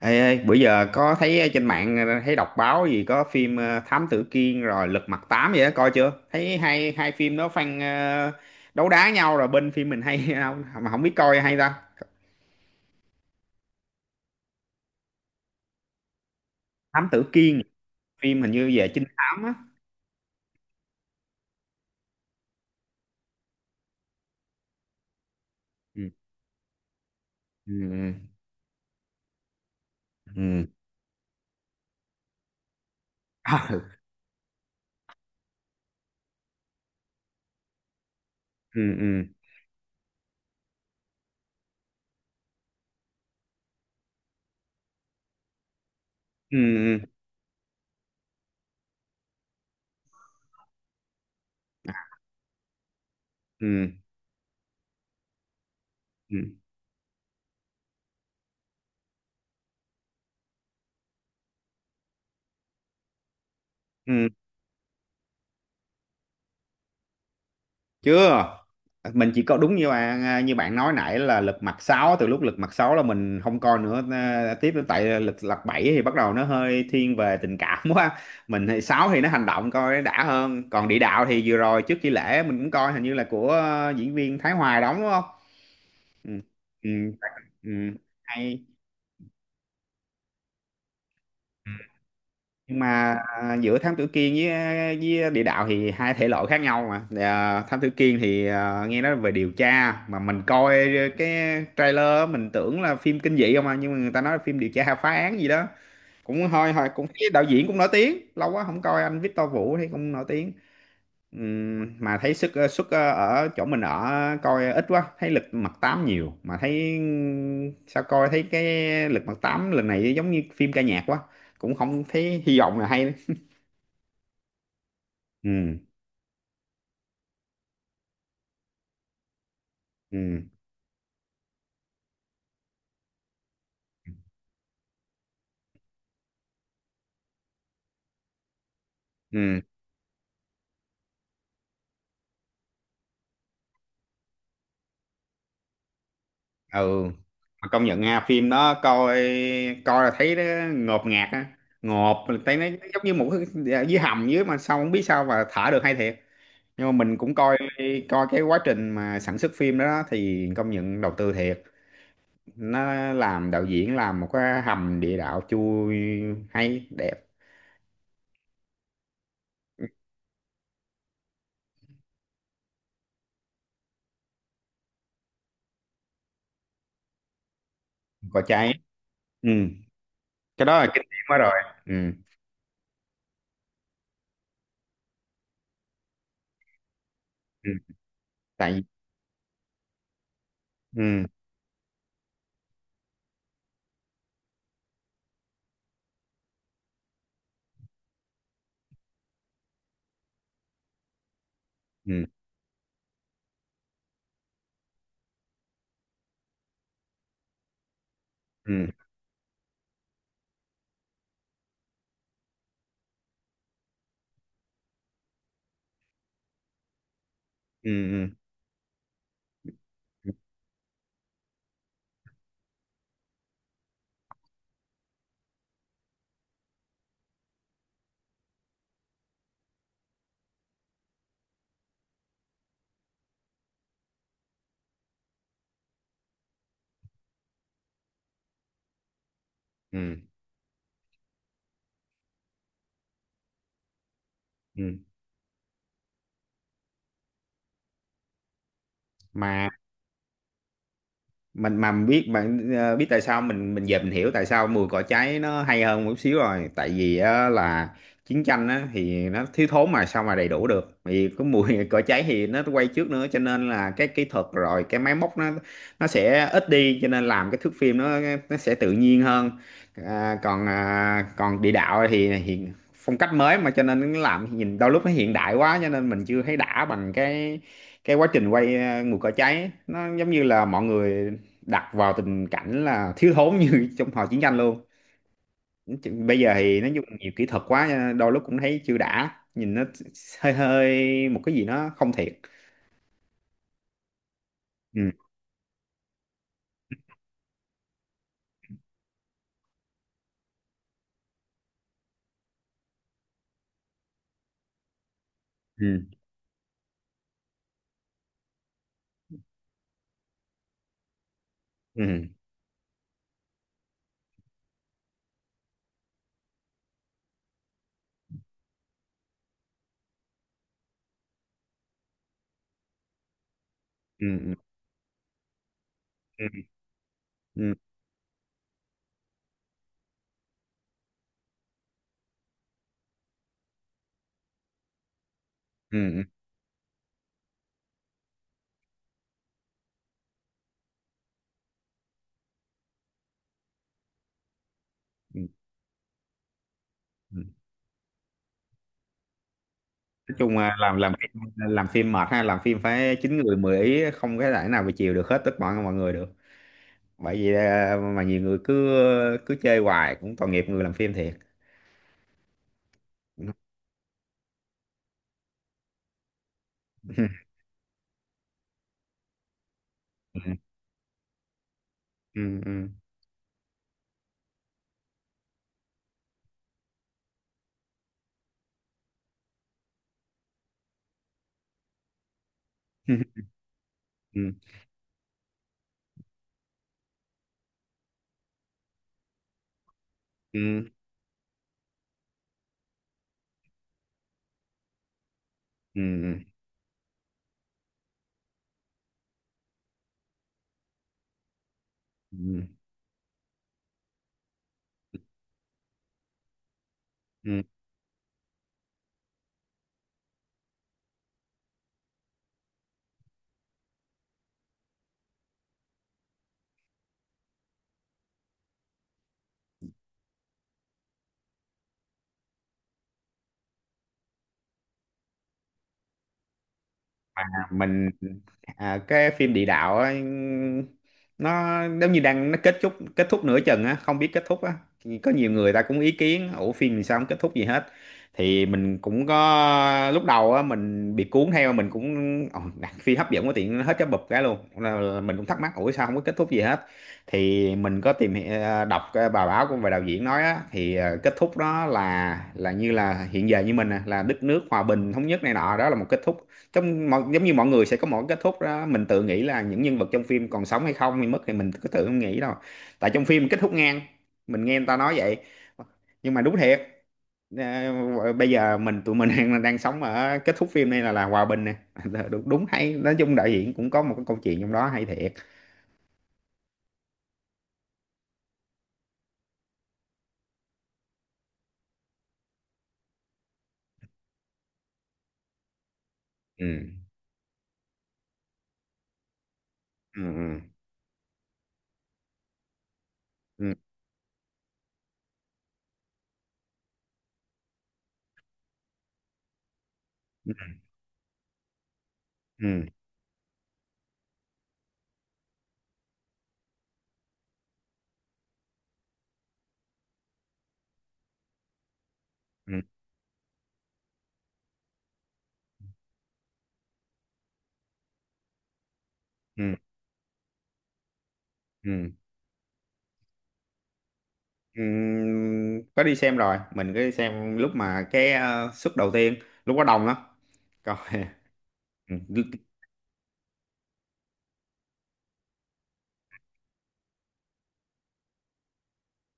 Ê, ê, bữa giờ có thấy trên mạng thấy đọc báo gì có phim Thám Tử Kiên rồi Lật Mặt Tám vậy đó, coi chưa? Thấy hai hai phim đó fan ờ, đấu đá nhau rồi bên phim mình hay không mà không biết coi hay ta. Thám Tử Kiên phim hình như về trinh thám á. Ừ, ừ, ừ. Ừ. Ừ, ừ. Ừ, ừ. Ừ, ừ. Ừ, ừ. Chưa, mình chỉ có đúng như bạn à, như bạn nói nãy là lật mặt sáu, từ lúc lật mặt sáu là mình không coi nữa à, tiếp đến tại lật lật bảy thì bắt đầu nó hơi thiên về tình cảm quá. Mình thì 6 thì nó hành động coi nó đã hơn, còn địa đạo thì vừa rồi trước khi lễ mình cũng coi hình như là của diễn viên Thái Hoài đóng, đúng không? Ừ. Ừ. Ừ. Hay. Nhưng mà à, giữa thám tử Kiên với địa đạo thì hai thể loại khác nhau mà à, thám tử Kiên thì à, nghe nói về điều tra mà mình coi cái trailer á, mình tưởng là phim kinh dị không à, nhưng mà người ta nói là phim điều tra phá án gì đó. Cũng hơi hơi cũng thấy đạo diễn cũng nổi tiếng lâu quá không coi, anh Victor Vũ thấy cũng nổi tiếng. Mà thấy sức sức ở chỗ mình ở coi ít quá, thấy lực mặt tám nhiều mà thấy sao coi thấy cái lực mặt tám lần này giống như phim ca nhạc quá, cũng không thấy hy vọng là hay. Ừ. Ừ. Ừ. Ừ. Mà công nhận ha, phim đó coi coi là thấy nó ngột ngạt á, ngộp, mình thấy nó giống như một cái, dạ, dưới hầm dưới mà sao không biết sao mà thả được hay thiệt. Nhưng mà mình cũng coi coi cái quá trình mà sản xuất phim đó, đó thì công nhận đầu tư thiệt, nó làm, đạo diễn làm một cái hầm địa đạo chui hay đẹp. Có cháy. Ừ, cái đó là kinh điển quá rồi. Ừ. Ừ. Tại. Ừ. Ừ. Ừ. Ừ. Ừ. Ừ. Ừ. Ừ. mà mà mình biết bạn biết tại sao, mình giờ mình hiểu tại sao mùi cỏ cháy nó hay hơn một chút xíu rồi, tại vì á, là chiến tranh á, thì nó thiếu thốn mà sao mà đầy đủ được, vì cái mùi cỏ cháy thì nó quay trước nữa cho nên là cái kỹ thuật rồi cái máy móc nó sẽ ít đi, cho nên làm cái thước phim nó sẽ tự nhiên hơn. À, còn à, còn địa đạo thì hiện phong cách mới mà, cho nên nó làm nhìn đôi lúc nó hiện đại quá, cho nên mình chưa thấy đã bằng cái quá trình quay mùi cỏ cháy nó giống như là mọi người đặt vào tình cảnh là thiếu thốn như trong thời chiến tranh luôn. Chứ bây giờ thì nó dùng nhiều kỹ thuật quá, cho nên đôi lúc cũng thấy chưa đã, nhìn nó hơi hơi một cái gì nó không thiệt. Ừ. Ừ. Ừ. Ừ. Ừ. Ừ. Ừ. Ừ. Ừ. Ừ. Nói chung là làm, làm phim mệt ha, làm phim phải chín người mười ý, không cái thể nào mà chiều được hết tất mọi mọi người được. Bởi vì à, mà nhiều người cứ cứ chơi hoài cũng tội nghiệp người làm phim thiệt. Ừ. Ừ. Ừ. Ừ. Ừ. Ừ. Ừ. Ừ. Ừ. À, mình à, cái phim địa đạo á, nó giống như đang, nó kết thúc nửa chừng á, không biết kết thúc á. Thì có nhiều người ta cũng ý kiến, ủa phim thì sao không kết thúc gì hết. Thì mình cũng có lúc đầu á mình bị cuốn theo, mình cũng "Ồ, đặt phim hấp dẫn quá, tiện nó hết cái bụp cái luôn." Là mình cũng thắc mắc, ủa sao không có kết thúc gì hết. Thì mình có đọc cái bài báo của, về đạo diễn nói á, thì kết thúc đó là như là hiện giờ như mình nè, là đất nước hòa bình thống nhất này nọ, đó là một kết thúc. Trong mọi, giống như mọi người sẽ có một cái kết thúc đó, mình tự nghĩ là những nhân vật trong phim còn sống hay không hay mất thì mình cứ tự không nghĩ đâu, tại trong phim kết thúc ngang. Mình nghe người ta nói vậy, nhưng mà đúng thiệt. Bây giờ mình, tụi mình đang đang sống ở kết thúc phim này, là hòa bình nè. Đúng, đúng hay, nói chung đạo diễn cũng có một cái câu chuyện trong đó hay thiệt. Ừ. Ừ. Ừ. Ừ. Ừ. Ừ. Ừ. Ừ. Có đi xem rồi, mình cứ đi xem lúc mà cái suất đầu tiên lúc có đông lắm, coi. Ừ.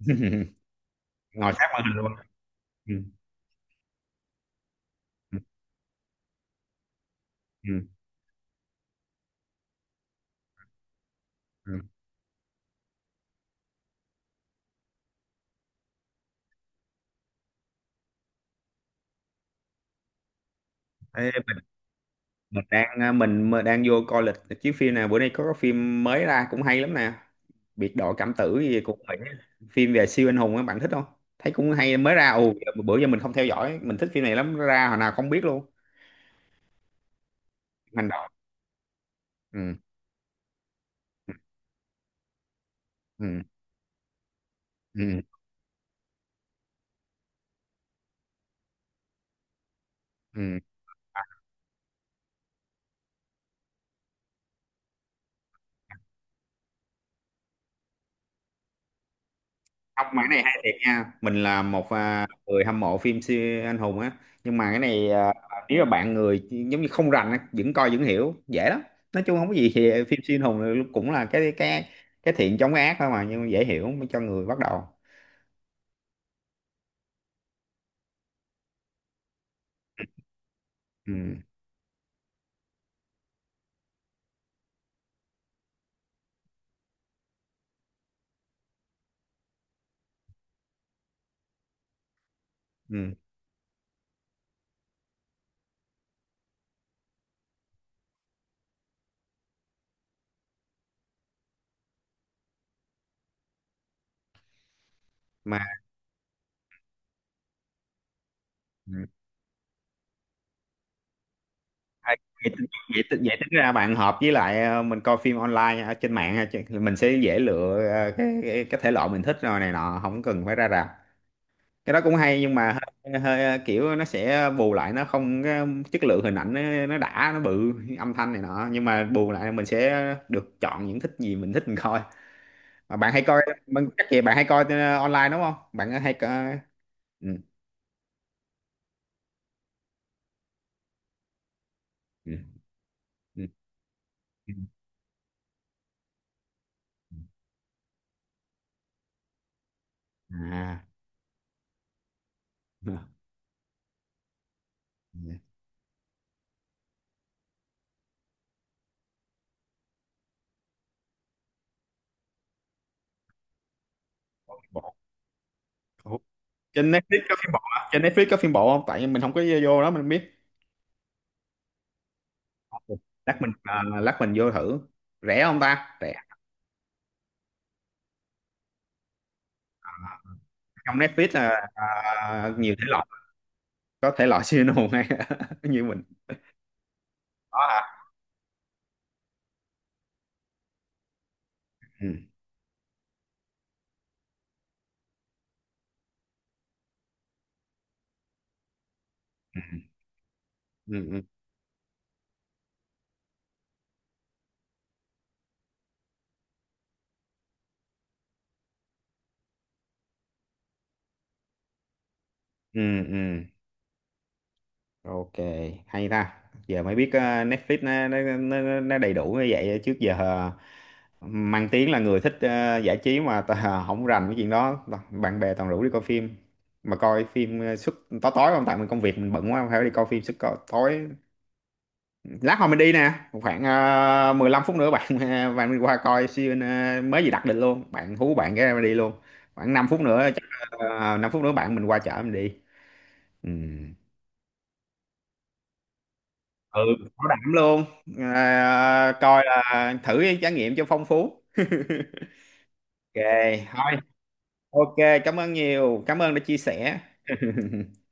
Ngồi sát màn hình luôn. Ừ. Ừ. Ừ. Ừ. Thế mình, mình đang vô coi lịch chiếu phim, nào bữa nay có cái phim mới ra cũng hay lắm nè. Biệt đội cảm tử gì cũng vậy á. Phim về siêu anh hùng á, bạn thích không? Thấy cũng hay, mới ra. Ồ, bữa giờ mình không theo dõi, mình thích phim này lắm, ra hồi nào không biết luôn. Hành động. Ừ. Ừ. Ừ. Ừ. Ừ. Không, mà cái này hay thiệt nha, mình là một à, người hâm mộ phim siêu anh hùng á. Nhưng mà cái này à, nếu mà bạn người giống như không rành á, vẫn coi vẫn hiểu dễ lắm. Nói chung không có gì, thì phim siêu anh hùng là cũng là cái cái thiện chống cái ác thôi mà, nhưng mà dễ hiểu cho người bắt đầu. Ừ. Ừ. Mà ừ. Ai- vậy, tính- vậy tính ra bạn hợp với lại à, mình coi phim online ở trên mạng á, chứ mình sẽ dễ lựa à, cái thể loại mình thích rồi này nọ, không cần phải ra rạp. Cái đó cũng hay, nhưng mà hơi, hơi kiểu nó sẽ bù lại nó không, cái chất lượng hình ảnh nó đã, nó bự, âm thanh này nọ, nhưng mà bù lại mình sẽ được chọn những thích gì mình thích mình coi. Mà bạn hay coi bạn, chắc gì bạn hay coi online, đúng không, bạn hay coi. Ừ. Ừ. Ừ. Ừ. À. Ừ. Bộ. Trên Netflix có phim bộ hả? Trên Netflix có phim bộ không? Tại vì mình không có vô đó, mình không biết. Ừ. Lát mình lát mình vô thử. Rẻ không ta, rẻ. Trong Netflix là nhiều thể loại. Có thể loại siêu anh hùng hay như mình. Có hả? Ừ. Ừ. Ừ. Ừ. Ừ. Ok, hay ta, giờ mới biết Netflix nó đầy đủ như vậy. Trước giờ mang tiếng là người thích giải trí mà ta, không rành cái chuyện đó. Bạn bè toàn rủ đi coi phim, mà coi phim suốt tối, tối không tại mình công việc mình bận quá, không phải đi coi phim suốt tối. Lát hồi mình đi nè, khoảng 15 phút nữa bạn bạn mình qua coi siêu, mới gì đặt định luôn, bạn hú bạn cái mình đi luôn. Khoảng 5 phút nữa chắc. 5 phút nữa bạn mình qua chở mình đi. Ừ. Ừ. Bảo đảm luôn. Ờ, coi là thử cái trải nghiệm cho phong phú. Ok. Thôi. Ok. Cảm ơn nhiều, cảm ơn đã chia sẻ.